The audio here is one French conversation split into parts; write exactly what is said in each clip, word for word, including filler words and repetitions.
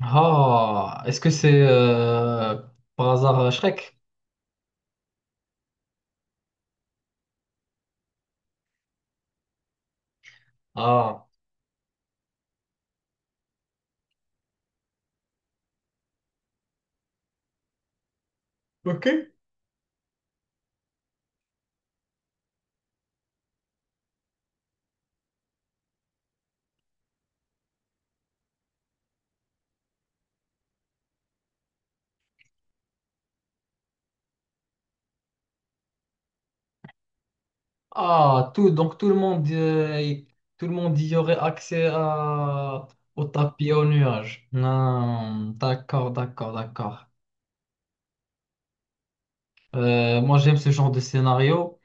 Ah, est-ce que c'est euh, par hasard euh, Shrek? Ah, Ok. Ah, tout, donc tout le monde, euh, y- tout le monde y aurait accès à, au tapis aux nuages. Non, d'accord, d'accord, d'accord. Euh, moi, j'aime ce genre de scénario.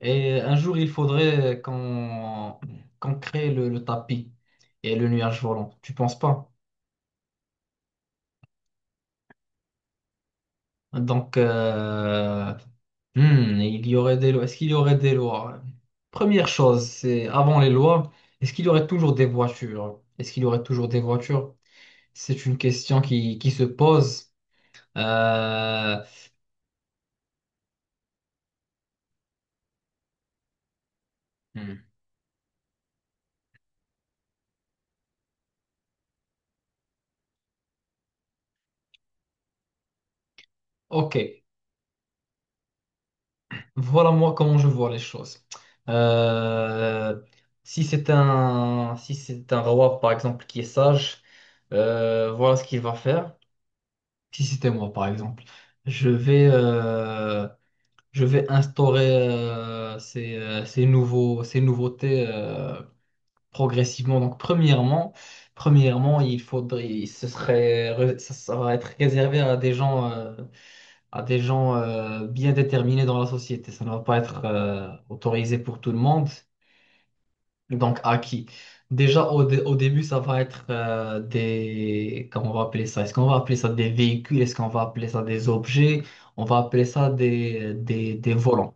Et un jour, il faudrait qu'on qu'on crée le, le tapis et le nuage volant. Tu penses pas? Donc, euh, Hmm, il y aurait des lois. Est-ce qu'il y aurait des lois? Première chose, c'est avant les lois, est-ce qu'il y aurait toujours des voitures? Est-ce qu'il y aurait toujours des voitures? C'est une question qui, qui se pose. Euh, hmm, Ok, voilà moi comment je vois les choses. Euh, Si c'est un, si c'est un roi, par exemple, qui est sage, euh, voilà ce qu'il va faire. Si c'était moi, par exemple, je vais... euh, je vais instaurer euh, ces, euh, ces nouveaux, ces nouveautés euh, progressivement. Donc, premièrement, premièrement, il faudrait, il- ce serait, re- ça, ça va être réservé à des gens, euh, à des gens euh, bien déterminés dans la société. Ça ne va pas être euh, autorisé pour tout le monde. Donc, à qui? Déjà, au, dé- au début, ça va être euh, des... Comment on va appeler ça? Est-ce qu'on va appeler ça des véhicules? Est-ce qu'on va appeler ça des objets? On va appeler ça des, des, des volants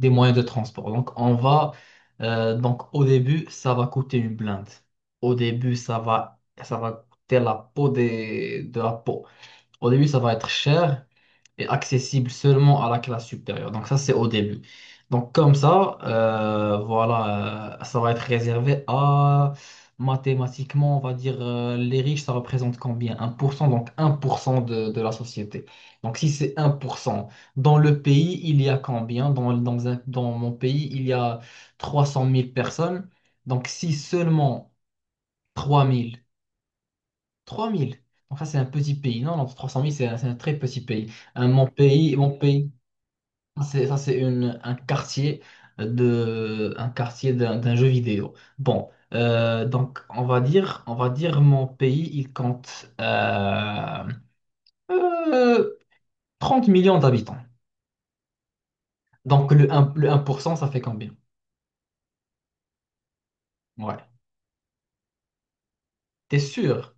des moyens de transport. Donc, on va, euh, donc au début, ça va coûter une blinde. Au début, ça va, ça va coûter la peau des, de la peau. Au début, ça va être cher et accessible seulement à la classe supérieure. Donc ça, c'est au début. Donc comme ça, euh, voilà, euh, ça va être réservé à, mathématiquement, on va dire, euh, les riches, ça représente combien? Un pour cent, donc un pour cent de, de la société. Donc si c'est un pour cent dans le pays, il y a combien? Dans, dans un- dans mon pays, il y a trois cent mille personnes. Donc si seulement... trois mille, trois mille. Donc ça, c'est un petit pays. Non, non, trois cent mille, c'est un, c'est un très petit pays. Un, mon pays, mon pays, ça, c'est ça, c'est une, un quartier de, un quartier d'un d'un jeu vidéo. Bon, euh, donc on va dire, on va dire mon pays, il compte euh, euh, trente millions d'habitants. Donc le un, le un pour cent, ça fait combien? Ouais. T'es sûr?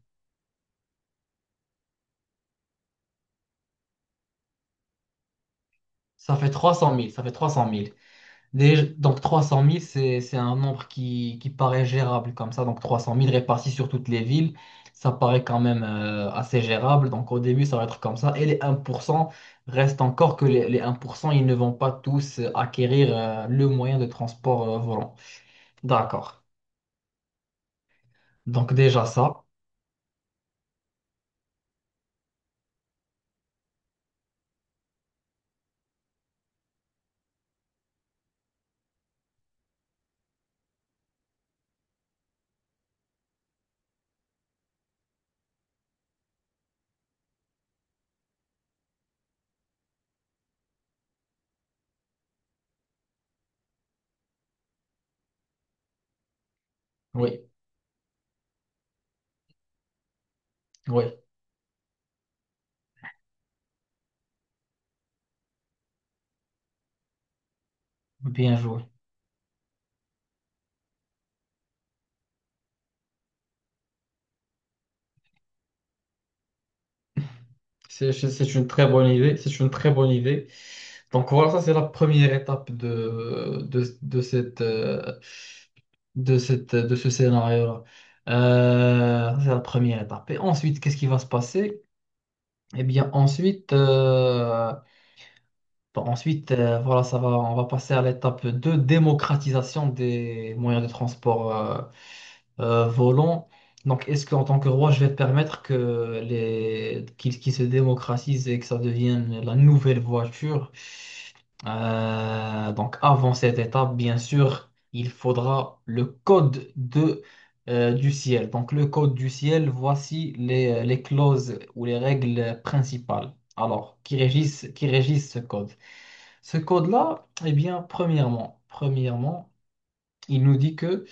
Ça fait trois cent mille, ça fait trois cent mille. Déjà- donc trois cent mille c'est, c'est un nombre qui, qui paraît gérable comme ça. Donc trois cent mille répartis sur toutes les villes, ça paraît quand même euh, assez gérable. Donc au début, ça va être comme ça. Et les un pour cent reste encore que les, les un pour cent ils ne vont pas tous euh, acquérir euh, le moyen de transport euh, volant. D'accord. Donc déjà ça, oui, oui, bien joué. C'est c'est une très bonne idée. C'est une très bonne idée. Donc voilà, ça c'est la première étape de, de, de cette... euh, de cette, de ce scénario-là. Euh, c'est la première étape. Et ensuite, qu'est-ce qui va se passer? Eh bien, ensuite, euh, bon, ensuite euh, voilà, ça va, on va passer à l'étape de démocratisation des moyens de transport euh, euh, volant. Donc, est-ce qu'en tant que roi, je vais permettre que les... qu'il qu'il se démocratise et que ça devienne la nouvelle voiture? Euh, donc, avant cette étape, bien sûr, il faudra le code de, euh, du ciel. Donc, le code du ciel, voici les, euh, les clauses ou les règles principales. Alors, qui régissent, qui régissent ce code? Ce code-là, eh bien, premièrement, premièrement, il nous dit que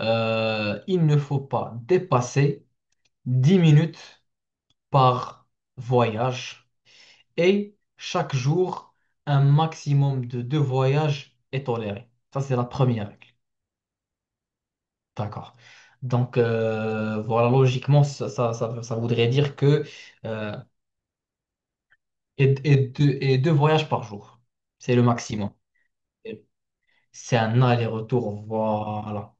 euh, il ne faut pas dépasser dix minutes par voyage et chaque jour, un maximum de deux voyages est toléré. Ça, c'est la première règle. D'accord. Donc, euh, voilà, logiquement, ça, ça, ça- ça voudrait dire que euh, et, et deux, et deux voyages par jour, c'est le maximum. C'est un aller-retour, voilà.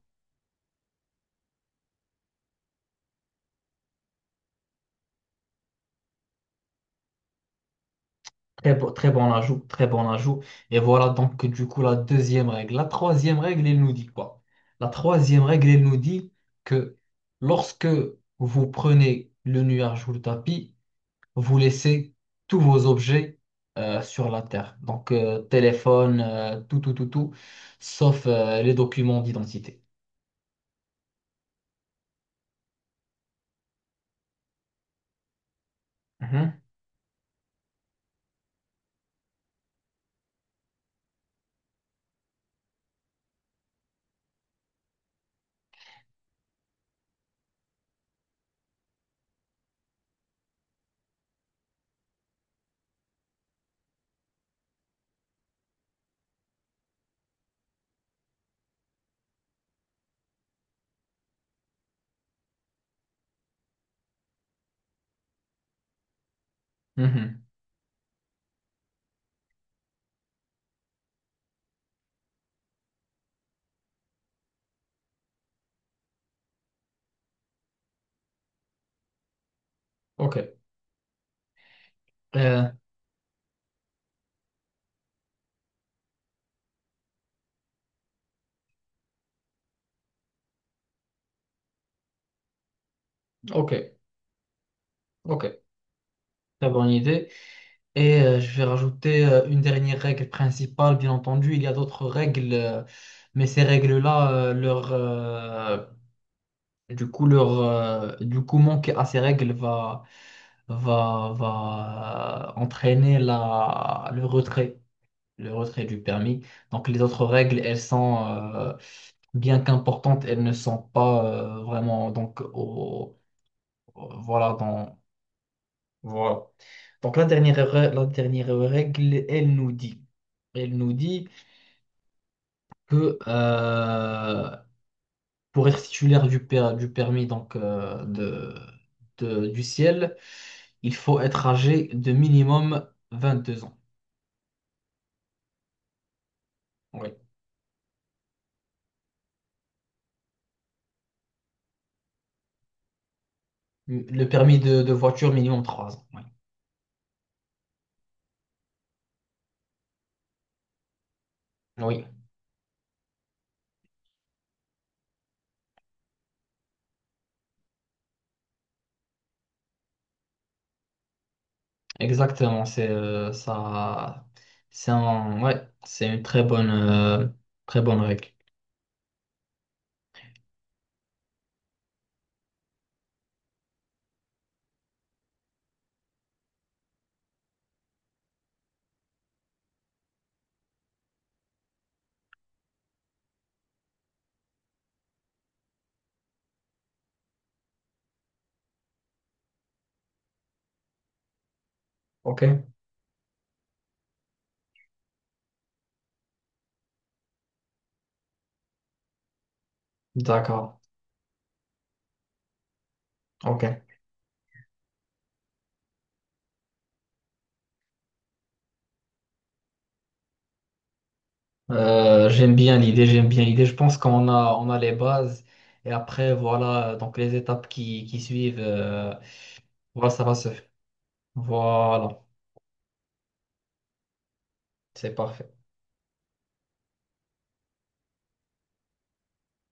Très bon, très bon ajout, très bon ajout. Et voilà donc du coup la deuxième règle. La troisième règle, elle nous dit quoi? La troisième règle, elle nous dit que lorsque vous prenez le nuage ou le tapis, vous laissez tous vos objets euh, sur la terre. Donc euh, téléphone, euh, tout, tout, tout, tout, sauf euh, les documents d'identité. Mhm, mhm. Ok, Euh, ok, ok. Très bonne idée. Et euh, je vais rajouter euh, une dernière règle principale, bien entendu. Il y a d'autres règles, euh, mais ces règles-là, euh, leur, euh, du coup, leur, euh, du coup, manquer à ces règles va, va, va entraîner la, le retrait, le retrait du permis. Donc, les autres règles, elles sont, euh, bien qu'importantes, elles ne sont pas euh, vraiment donc au, au- voilà, voilà. Donc la dernière, re- la dernière règle, elle nous dit, elle nous dit que euh, pour être titulaire du, per- du permis donc, euh, de, de- du ciel, il faut être âgé de minimum vingt deux ans. Oui. Le permis de, de voiture minimum trois ans. Oui, oui, exactement. C'est euh, ça. C'est un- ouais, c'est une très bonne, euh, très bonne règle. OK. D'accord. OK. Euh, j'aime bien l'idée, j'aime bien l'idée. Je pense qu'on a, on a les bases et après, voilà, donc les étapes qui, qui suivent, euh, voilà, ça va se faire. Voilà, c'est parfait.